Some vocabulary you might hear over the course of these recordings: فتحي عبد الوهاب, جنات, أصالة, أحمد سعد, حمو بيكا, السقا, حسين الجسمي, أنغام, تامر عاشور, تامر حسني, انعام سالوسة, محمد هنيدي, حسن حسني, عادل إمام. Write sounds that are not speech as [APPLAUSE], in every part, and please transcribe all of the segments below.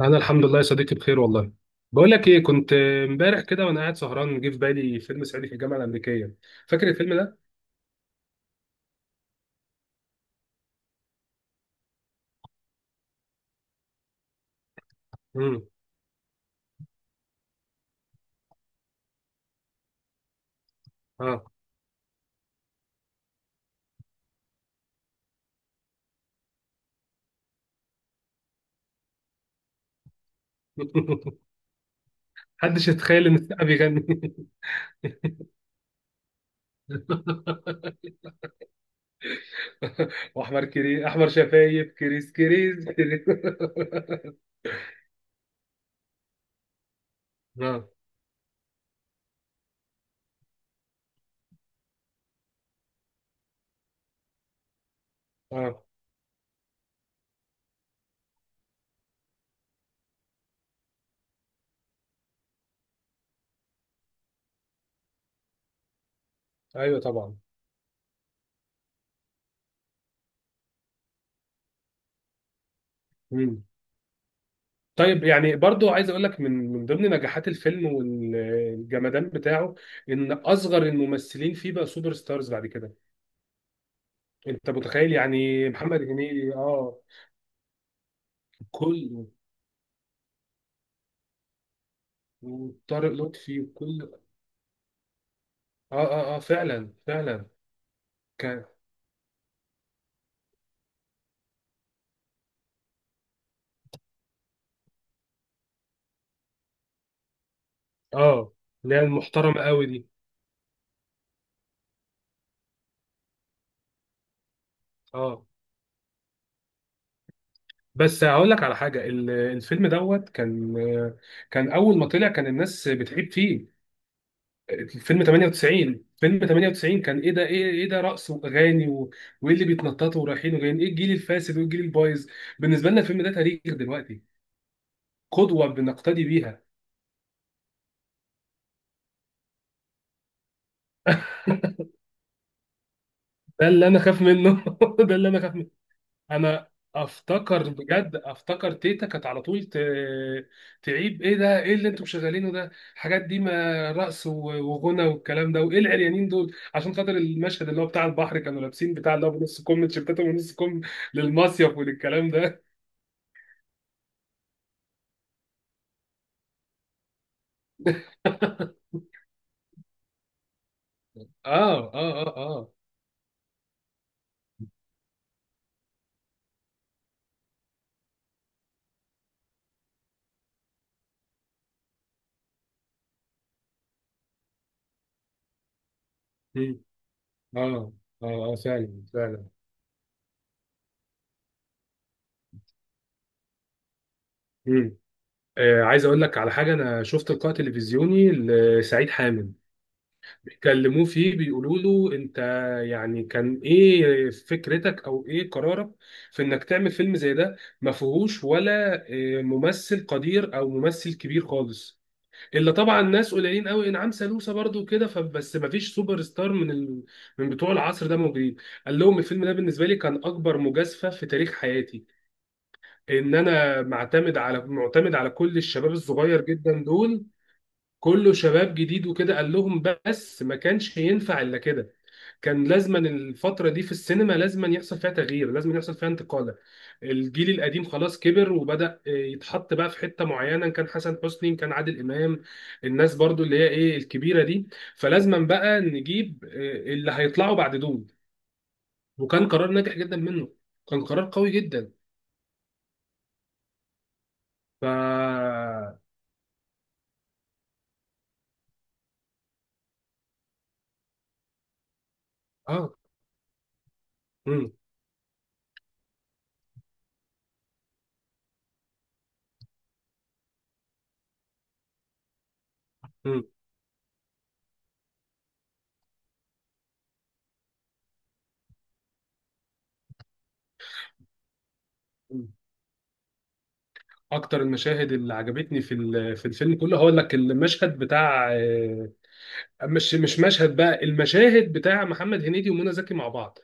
انا الحمد لله يا صديقي، بخير والله. بقول لك ايه، كنت امبارح كده وانا قاعد سهران جه في بالي فيلم صعيدي في الجامعه الامريكيه. فاكر الفيلم ده؟ امم اه. [LAUGHS] محدش يتخيل ان السقا بيغني. [LAUGHS] واحمر كري احمر شفايف كريس كريس كريس. [LAUGHS] اه اه. ايوه طبعا. مم. طيب، يعني برضو عايز اقول لك من ضمن نجاحات الفيلم والجمدان بتاعه ان اصغر الممثلين فيه بقى سوبر ستارز بعد كده. انت متخيل يعني؟ محمد هنيدي، اه. كله، وطارق لطفي، وكل... اه اه اه، فعلا فعلا. كان اه اللي هي المحترمه قوي دي. اه، بس هقول لك على حاجه، الفيلم دوت كان اول ما طلع كان الناس بتحب فيه. الفيلم 98، فيلم 98 كان ايه ده؟ ايه ده، رقص واغاني وايه اللي بيتنططوا ورايحين وجايين، ايه الجيل الفاسد وايه الجيل البايظ؟ بالنسبه لنا الفيلم ده تاريخ دلوقتي، قدوه بنقتدي بيها. [LAUGHS] ده اللي انا خاف منه. [LAUGHS] ده اللي انا خاف. انا افتكر، بجد افتكر تيتا كانت على طول تعيب: ايه ده؟ ايه اللي انتم شغالينه ده؟ الحاجات دي، ما رقص وغنى والكلام ده. وايه العريانين دول؟ عشان خاطر المشهد اللي هو بتاع البحر كانوا لابسين بتاع اللي هو بنص كم، تيشيرتاتهم ونص كم للمصيف وللكلام ده. [LAUGHS] اه اه اه اه. مم. اه اه اه، فعلا فعلا. مم. عايز اقول لك على حاجه. انا شفت لقاء تلفزيوني لسعيد حامد، بيكلموه فيه بيقولوا له: انت يعني كان ايه فكرتك، او ايه قرارك في انك تعمل فيلم زي ده ما فيهوش ولا اه، ممثل قدير او ممثل كبير خالص، الا طبعا ناس قليلين قوي، انعام سالوسة برضو كده، فبس ما فيش سوبر ستار من بتوع العصر ده موجودين؟ قال لهم: الفيلم ده بالنسبه لي كان اكبر مجازفه في تاريخ حياتي، ان انا معتمد على كل الشباب الصغير جدا دول، كله شباب جديد وكده. قال لهم بس ما كانش ينفع الا كده، كان لازما الفترة دي في السينما لازما يحصل فيها تغيير، لازما يحصل فيها انتقالة. الجيل القديم خلاص كبر وبدأ يتحط بقى في حتة معينة، كان حسن حسني، كان عادل إمام، الناس برضو اللي هي ايه الكبيرة دي. فلازما بقى نجيب اللي هيطلعوا بعد دول. وكان قرار ناجح جدا منه، كان قرار قوي جدا. ف اه مم. مم. مم. اكتر المشاهد اللي عجبتني في في الفيلم كله، هقول لك المشهد بتاع مش مشهد بقى، المشاهد بتاع محمد هنيدي ومنى زكي مع بعض.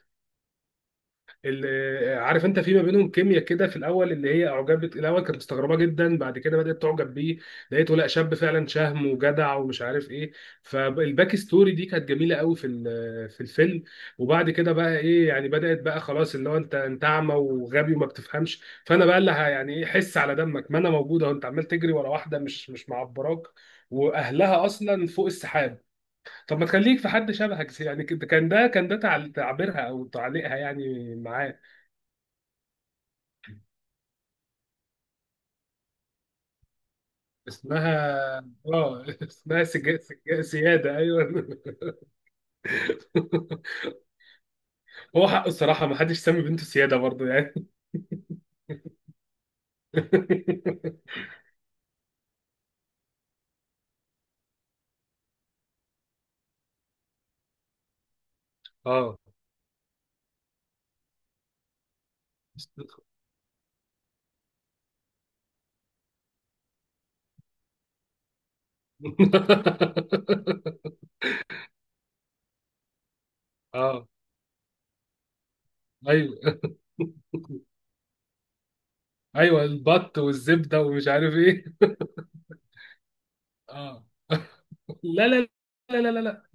اللي عارف انت في ما بينهم كيمياء كده في الاول، اللي هي اعجبت الاول كانت مستغربه جدا، بعد كده بدات تعجب بيه. لقيته لا، شاب فعلا شهم وجدع ومش عارف ايه. فالباك ستوري دي كانت جميله قوي في في الفيلم. وبعد كده بقى ايه، يعني بدات بقى خلاص اللي هو انت، اعمى وغبي وما بتفهمش، فانا بقى اللي يعني ايه، حس على دمك، ما انا موجوده وانت عمال تجري ورا واحده مش معبراك، واهلها اصلا فوق السحاب. طب ما تخليك في حد شبهك كان ده تعبيرها او تعليقها يعني معاه. اسمها اه [LAUGHS] اسمها سياده، ايوه. [LAUGHS] هو حقه الصراحه، ما حدش سمي بنته سياده برضه يعني. [LAUGHS] اه [LAUGHS] اه، ايوه ايوه. البط والزبده ومش عارف ايه. اه. [LAUGHS] لا لا لا لا لا لا.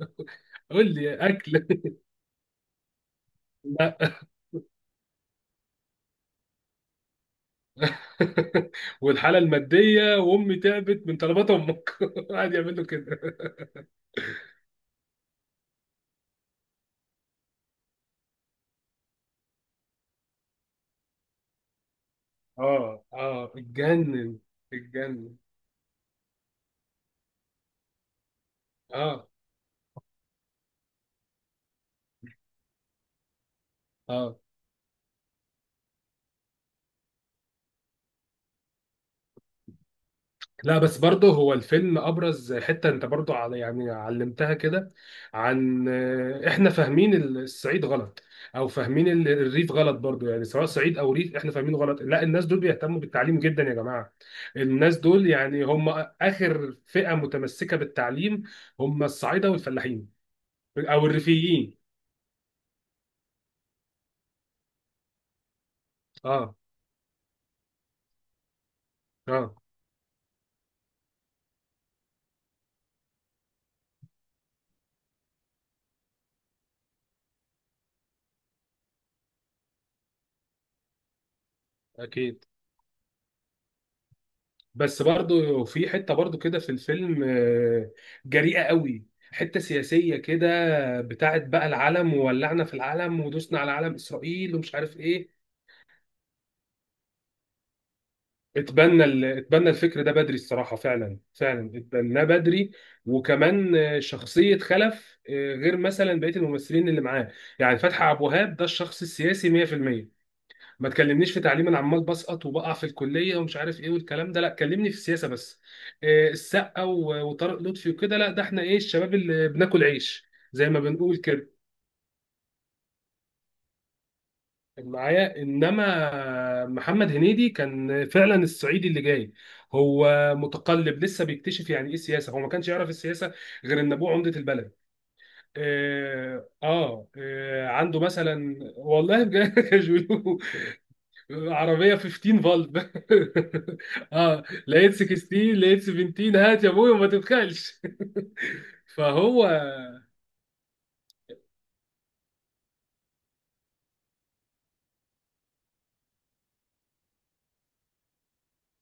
قول لي اكل. [LAUGHS] لا. [LAUGHS] والحاله الماديه، وامي تعبت من طلبات امك. [LAUGHS] قاعد يعمل له كده. اه اه، اتجنن اتجنن. اه اه. لا بس برضه هو الفيلم، ابرز حته انت برضه على يعني علمتها كده عن احنا فاهمين الصعيد غلط، او فاهمين الريف غلط برضه. يعني سواء صعيد او ريف، احنا فاهمينه غلط. لا، الناس دول بيهتموا بالتعليم جدا يا جماعه. الناس دول يعني هم اخر فئه متمسكه بالتعليم، هم الصعايده والفلاحين او الريفيين. اه اه، اكيد. بس برضو في حته برضو كده في الفيلم جريئه قوي، حته سياسيه كده بتاعت بقى العلم وولعنا في العلم ودوسنا على علم اسرائيل ومش عارف ايه. اتبنى الفكر ده بدري الصراحه، فعلا فعلا اتبناه بدري. وكمان شخصيه خلف غير مثلا بقيه الممثلين اللي معاه. يعني فتحي عبد الوهاب ده الشخص السياسي 100%: ما تكلمنيش في تعليم، انا عمال بسقط وبقع في الكليه ومش عارف ايه والكلام ده، لا كلمني في السياسه بس. السقا وطارق لطفي وكده، لا ده احنا ايه، الشباب اللي بناكل عيش زي ما بنقول كده، معايا. انما محمد هنيدي كان فعلا الصعيدي اللي جاي، هو متقلب لسه بيكتشف يعني ايه سياسه، هو ما كانش يعرف السياسه غير ان ابوه عمده البلد. اه اه، عنده مثلا والله بجد. [LAUGHS] يا جولو، عربية 15 فولت. [LAUGHS] اه، لقيت 16، لقيت 17، هات يا ابوي وما تبخلش. [LAUGHS] فهو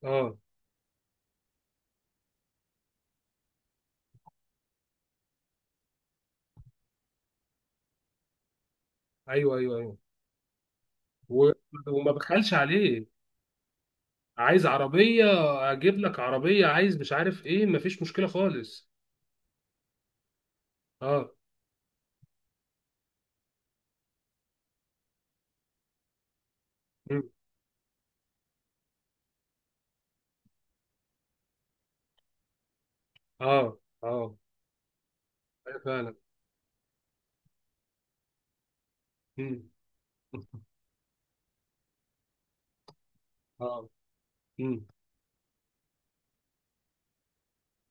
اه ايوه ايوه ايوه. و... وما بخلش عليه. عايز عربية، اجيب لك عربية. عايز مش عارف ايه، مفيش مشكلة خالص. اه. مم. اه اه، أيوة فعلا. مم. [LAUGHS] اه. مم.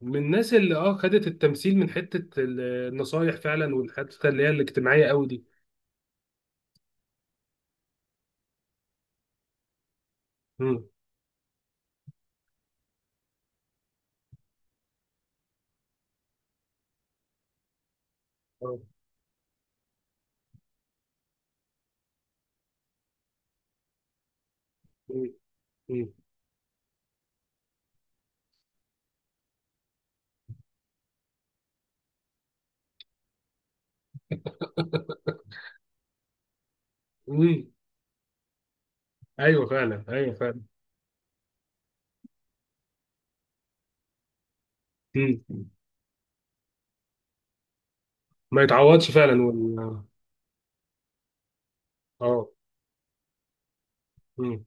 من الناس اللي خدت التمثيل من حتة النصايح فعلا، والحتة اللي هي الاجتماعية قوي دي. مم. اه. مم. مم. [LAUGHS] مم. ايوه فعلا، ايوه فعلا. مم. ما يتعوضش فعلا اه. مم.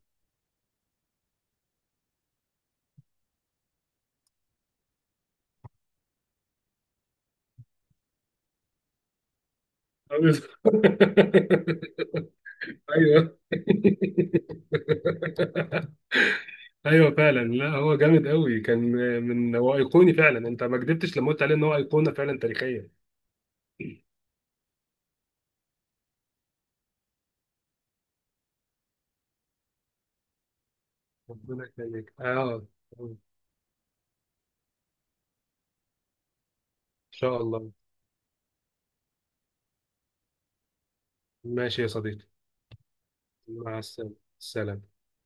[LAUGHS] ايوه ايوه فعلا. لا هو جامد قوي كان، من هو ايقوني فعلا. انت ما كدبتش لما قلت عليه ان هو ايقونه فعلا تاريخيه. ربنا يخليك، اه. ان شاء الله. ماشي يا صديقي. مع السلامه، سلام.